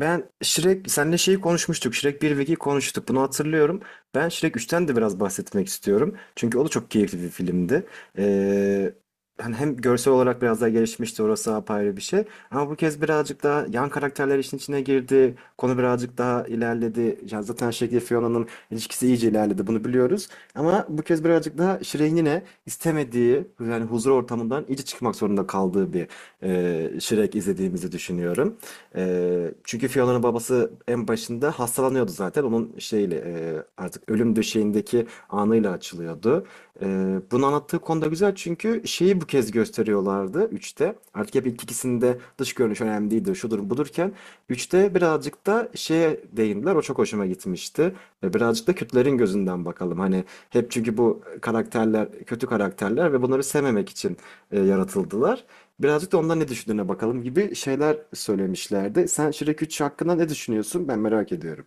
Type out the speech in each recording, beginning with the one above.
Ben Shrek, senle şeyi konuşmuştuk. Shrek 1 ve 2 konuştuk. Bunu hatırlıyorum. Ben Shrek 3'ten de biraz bahsetmek istiyorum. Çünkü o da çok keyifli bir filmdi. Ee, hani hem görsel olarak biraz daha gelişmişti. Orası apayrı bir şey. Ama bu kez birazcık daha yan karakterler işin içine girdi. Konu birazcık daha ilerledi. Ya zaten Shrek ile Fiona'nın ilişkisi iyice ilerledi. Bunu biliyoruz. Ama bu kez birazcık daha Şirin yine istemediği, yani huzur ortamından iyice çıkmak zorunda kaldığı bir Shrek izlediğimizi düşünüyorum. E, çünkü Fiona'nın babası en başında hastalanıyordu zaten. Onun şeyle artık ölüm döşeğindeki anıyla açılıyordu. E, bunu anlattığı konuda güzel, çünkü şeyi bu kez gösteriyorlardı üçte. Artık hep ilk ikisinde dış görünüş önemli değildi, şudur budurken üçte birazcık da şeye değindiler. O çok hoşuma gitmişti. Birazcık da Kürtlerin gözünden bakalım. Hani hep çünkü bu karakterler kötü karakterler ve bunları sevmemek için yaratıldılar. Birazcık da ondan ne düşündüğüne bakalım gibi şeyler söylemişlerdi. Sen Shrek 3 hakkında ne düşünüyorsun? Ben merak ediyorum.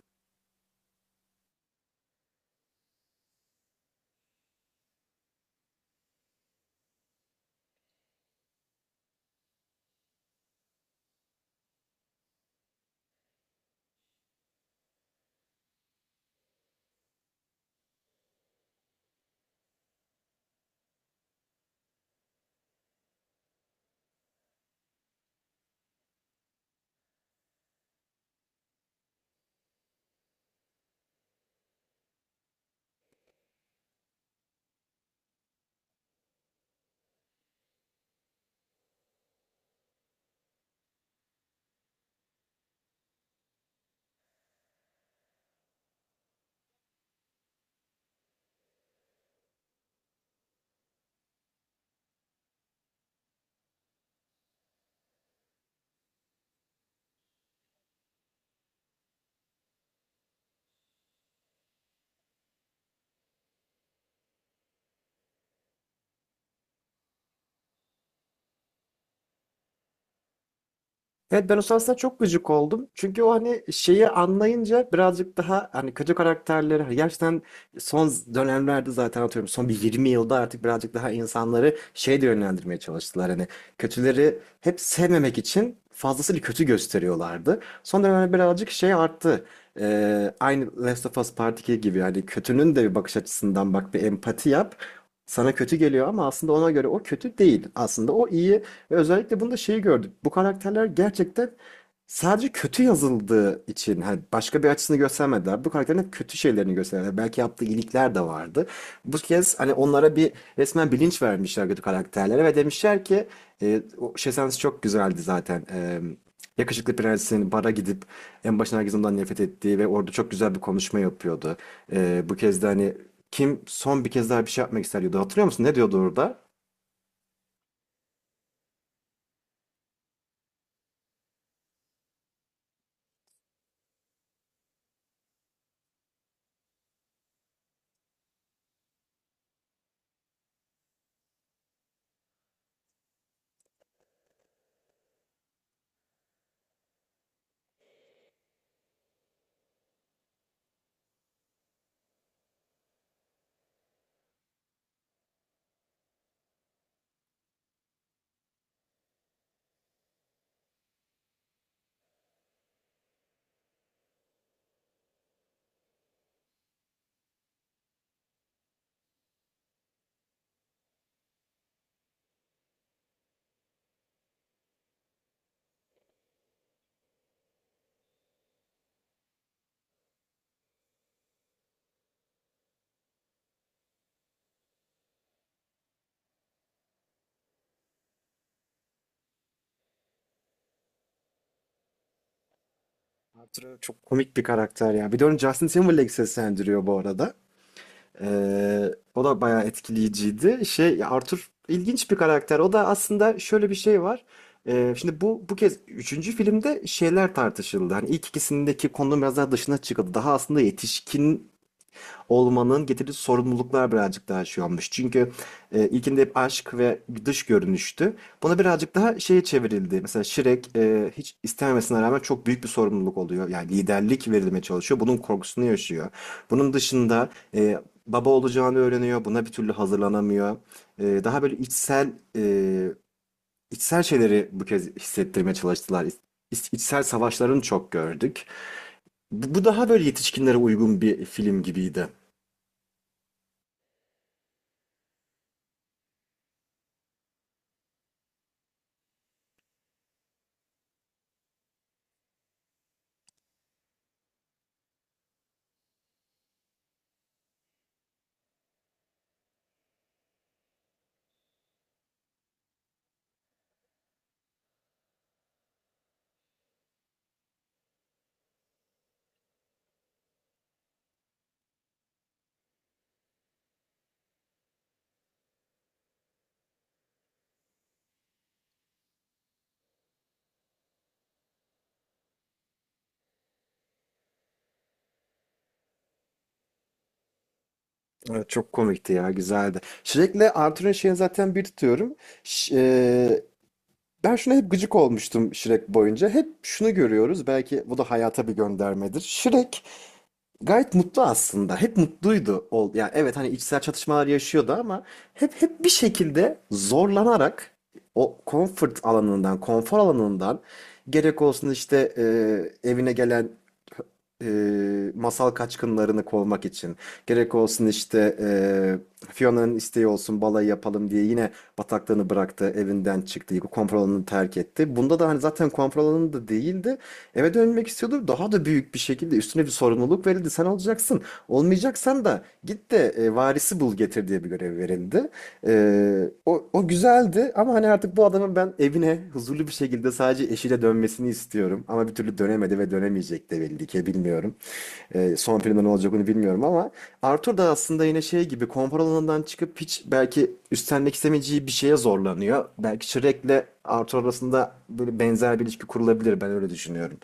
Evet, ben o sahnesine çok gıcık oldum. Çünkü o hani şeyi anlayınca birazcık daha hani kötü karakterleri hani gerçekten son dönemlerde zaten atıyorum son bir 20 yılda artık birazcık daha insanları şey de yönlendirmeye çalıştılar. Hani kötüleri hep sevmemek için fazlasıyla kötü gösteriyorlardı. Son dönemlerde birazcık şey arttı. Aynı Last of Us Part 2 gibi hani kötünün de bir bakış açısından bak, bir empati yap. Sana kötü geliyor ama aslında ona göre o kötü değil. Aslında o iyi. Ve özellikle bunda şeyi gördük. Bu karakterler gerçekten sadece kötü yazıldığı için hani başka bir açısını göstermediler. Bu karakterin hep kötü şeylerini gösterdiler. Hani belki yaptığı iyilikler de vardı. Bu kez hani onlara bir resmen bilinç vermişler kötü karakterlere ve demişler ki o şey sahnesi çok güzeldi zaten. Yakışıklı Prens'in bara gidip en başına herkes ondan nefret ettiği ve orada çok güzel bir konuşma yapıyordu. Bu kez de hani kim son bir kez daha bir şey yapmak ister diyordu. Hatırlıyor musun? Ne diyordu orada? Arthur çok komik bir karakter ya. Bir de onu Justin Timberlake seslendiriyor bu arada. Ee, O da bayağı etkileyiciydi. Şey, Arthur ilginç bir karakter. O da aslında şöyle bir şey var. Şimdi bu kez üçüncü filmde şeyler tartışıldı. Hani ilk ikisindeki konunun biraz daha dışına çıkıldı. Daha aslında yetişkin olmanın getirdiği sorumluluklar birazcık daha şey olmuş. Çünkü ilkinde hep aşk ve dış görünüştü. Buna birazcık daha şeye çevrildi. Mesela Shrek hiç istememesine rağmen çok büyük bir sorumluluk oluyor. Yani liderlik verilmeye çalışıyor. Bunun korkusunu yaşıyor. Bunun dışında e, baba olacağını öğreniyor. Buna bir türlü hazırlanamıyor. Daha böyle içsel e, içsel şeyleri bu kez hissettirmeye çalıştılar. İç- içsel savaşlarını çok gördük. Bu daha böyle yetişkinlere uygun bir film gibiydi. Evet, çok komikti ya, güzeldi. Shrek'le Arthur'un şeyini zaten bir tutuyorum. Ş- e, ben şuna hep gıcık olmuştum Shrek boyunca. Hep şunu görüyoruz. Belki bu da hayata bir göndermedir. Shrek gayet mutlu aslında. Hep mutluydu. Yani evet, hani içsel çatışmalar yaşıyordu ama hep bir şekilde zorlanarak o konfor alanından, gerek olsun işte evine gelen e, masal kaçkınlarını kovmak için. Gerek olsun işte Fiona'nın isteği olsun balayı yapalım diye yine bataklığını bıraktı, evinden çıktı, konfor alanını terk etti. Bunda da hani zaten konfor alanı da değildi. Eve dönmek istiyordu. Daha da büyük bir şekilde üstüne bir sorumluluk verildi. Sen olacaksın. Olmayacaksan da git de varisi bul getir diye bir görev verildi. O güzeldi ama hani artık bu adamın ben evine huzurlu bir şekilde sadece eşiyle dönmesini istiyorum. Ama bir türlü dönemedi ve dönemeyecek de belli ki, bilmiyorum. Son filmde ne olacak onu bilmiyorum, ama Arthur da aslında yine şey gibi konfor alanından çıkıp hiç belki üstlenmek istemeyeceği bir şeye zorlanıyor. Belki Shrek'le Arthur arasında böyle benzer bir ilişki kurulabilir, ben öyle düşünüyorum.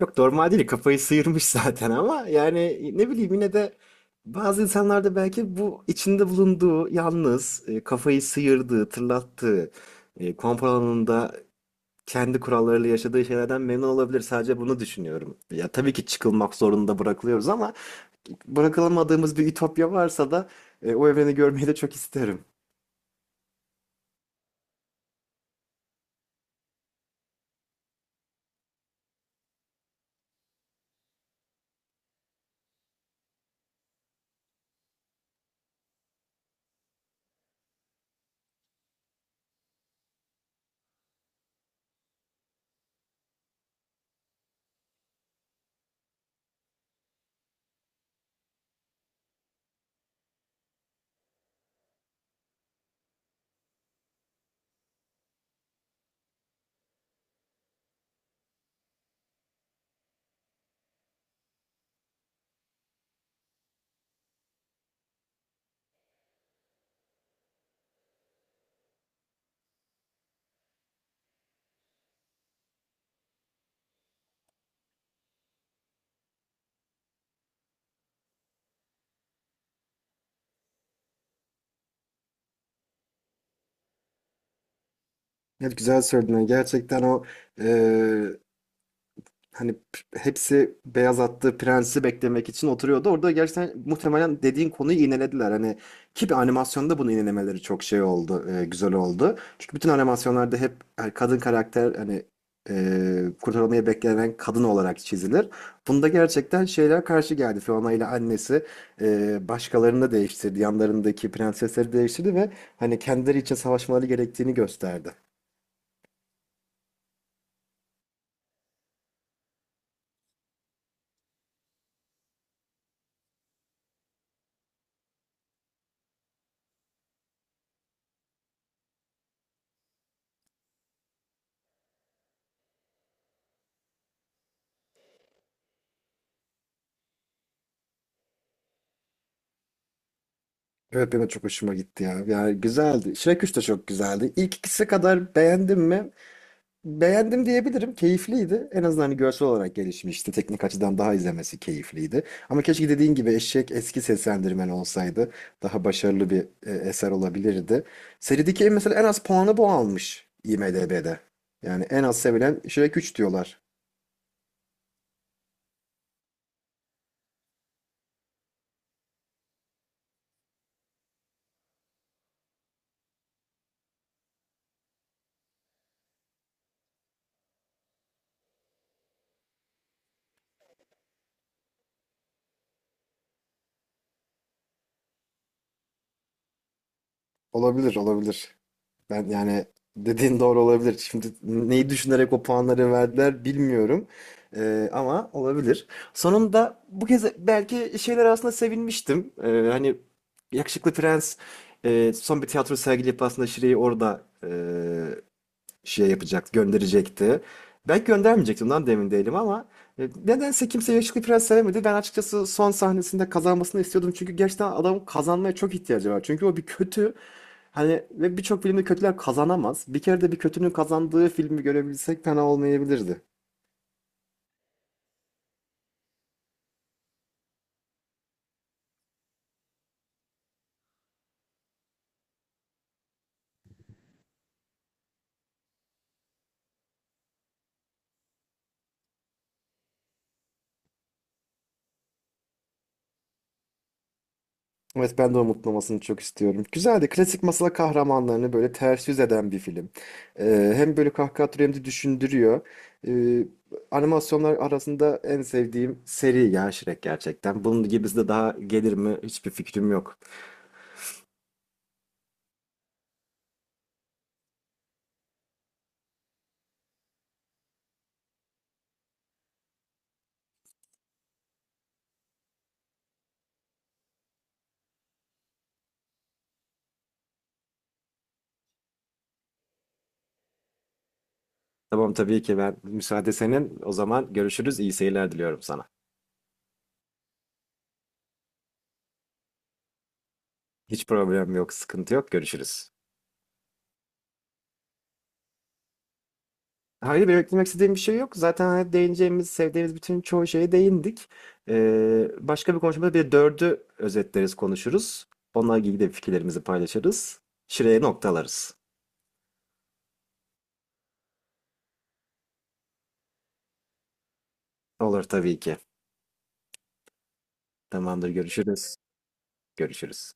Yok, normal değil, kafayı sıyırmış zaten, ama yani ne bileyim, yine de bazı insanlarda belki bu içinde bulunduğu yalnız kafayı sıyırdığı, tırlattığı, konfor alanında kendi kurallarıyla yaşadığı şeylerden memnun olabilir. Sadece bunu düşünüyorum. Ya tabii ki çıkılmak zorunda bırakılıyoruz, ama bırakılamadığımız bir ütopya varsa da o evreni görmeyi de çok isterim. Evet, güzel söyledin. Gerçekten o e, hani hepsi beyaz attığı prensi beklemek için oturuyordu. Orada gerçekten muhtemelen dediğin konuyu iğnelediler. Hani ki bir animasyonda bunu iğnelemeleri çok şey oldu, güzel oldu. Çünkü bütün animasyonlarda hep hani kadın karakter hani kurtarılmayı beklenen kadın olarak çizilir. Bunda gerçekten şeyler karşı geldi. Fiona ile annesi başkalarını da değiştirdi. Yanlarındaki prensesleri değiştirdi ve hani kendileri için savaşmaları gerektiğini gösterdi. Evet, benim de çok hoşuma gitti ya. Yani güzeldi. Shrek 3 de çok güzeldi. İlk ikisi kadar beğendim mi? Beğendim diyebilirim. Keyifliydi. En azından hani görsel olarak gelişmişti. Teknik açıdan daha izlemesi keyifliydi. Ama keşke dediğin gibi Eşek eski seslendirmen olsaydı. Daha başarılı bir eser olabilirdi. Serideki mesela en az puanı bu almış IMDb'de. Yani en az sevilen Shrek 3 diyorlar. Olabilir, olabilir. Ben yani dediğin doğru olabilir. Şimdi neyi düşünerek o puanları verdiler bilmiyorum. Ama olabilir. Sonunda bu kez belki şeyler arasında sevinmiştim. Hani Yakışıklı Prens son bir tiyatro sergileyip aslında Şire'yi orada şey yapacaktı, gönderecekti. Belki göndermeyecektim lan, demin değilim, ama nedense kimse Yakışıklı Prens sevmedi. Ben açıkçası son sahnesinde kazanmasını istiyordum. Çünkü gerçekten adamın kazanmaya çok ihtiyacı var. Çünkü o bir kötü. Hani ve birçok filmde kötüler kazanamaz. Bir kere de bir kötünün kazandığı filmi görebilsek fena olmayabilirdi. Evet, ben de onun mutlu çok istiyorum. Güzeldi. Klasik masal kahramanlarını böyle ters yüz eden bir film. Hem böyle kahkaha atıyor hem de düşündürüyor. Ee, animasyonlar arasında en sevdiğim seri ya Shrek, gerçekten. Bunun gibisi de daha gelir mi, hiçbir fikrim yok. Tamam, tabii ki ben müsaade senin. O zaman görüşürüz. İyi seyirler diliyorum sana. Hiç problem yok, sıkıntı yok. Görüşürüz. Hayır, benim eklemek istediğim bir şey yok. Zaten hani değineceğimiz, sevdiğimiz bütün çoğu şeye değindik. Başka bir konuşmada bir dördü özetleriz, konuşuruz. Onunla ilgili de fikirlerimizi paylaşırız. Şuraya noktalarız. Olur tabii ki. Tamamdır, görüşürüz. Görüşürüz.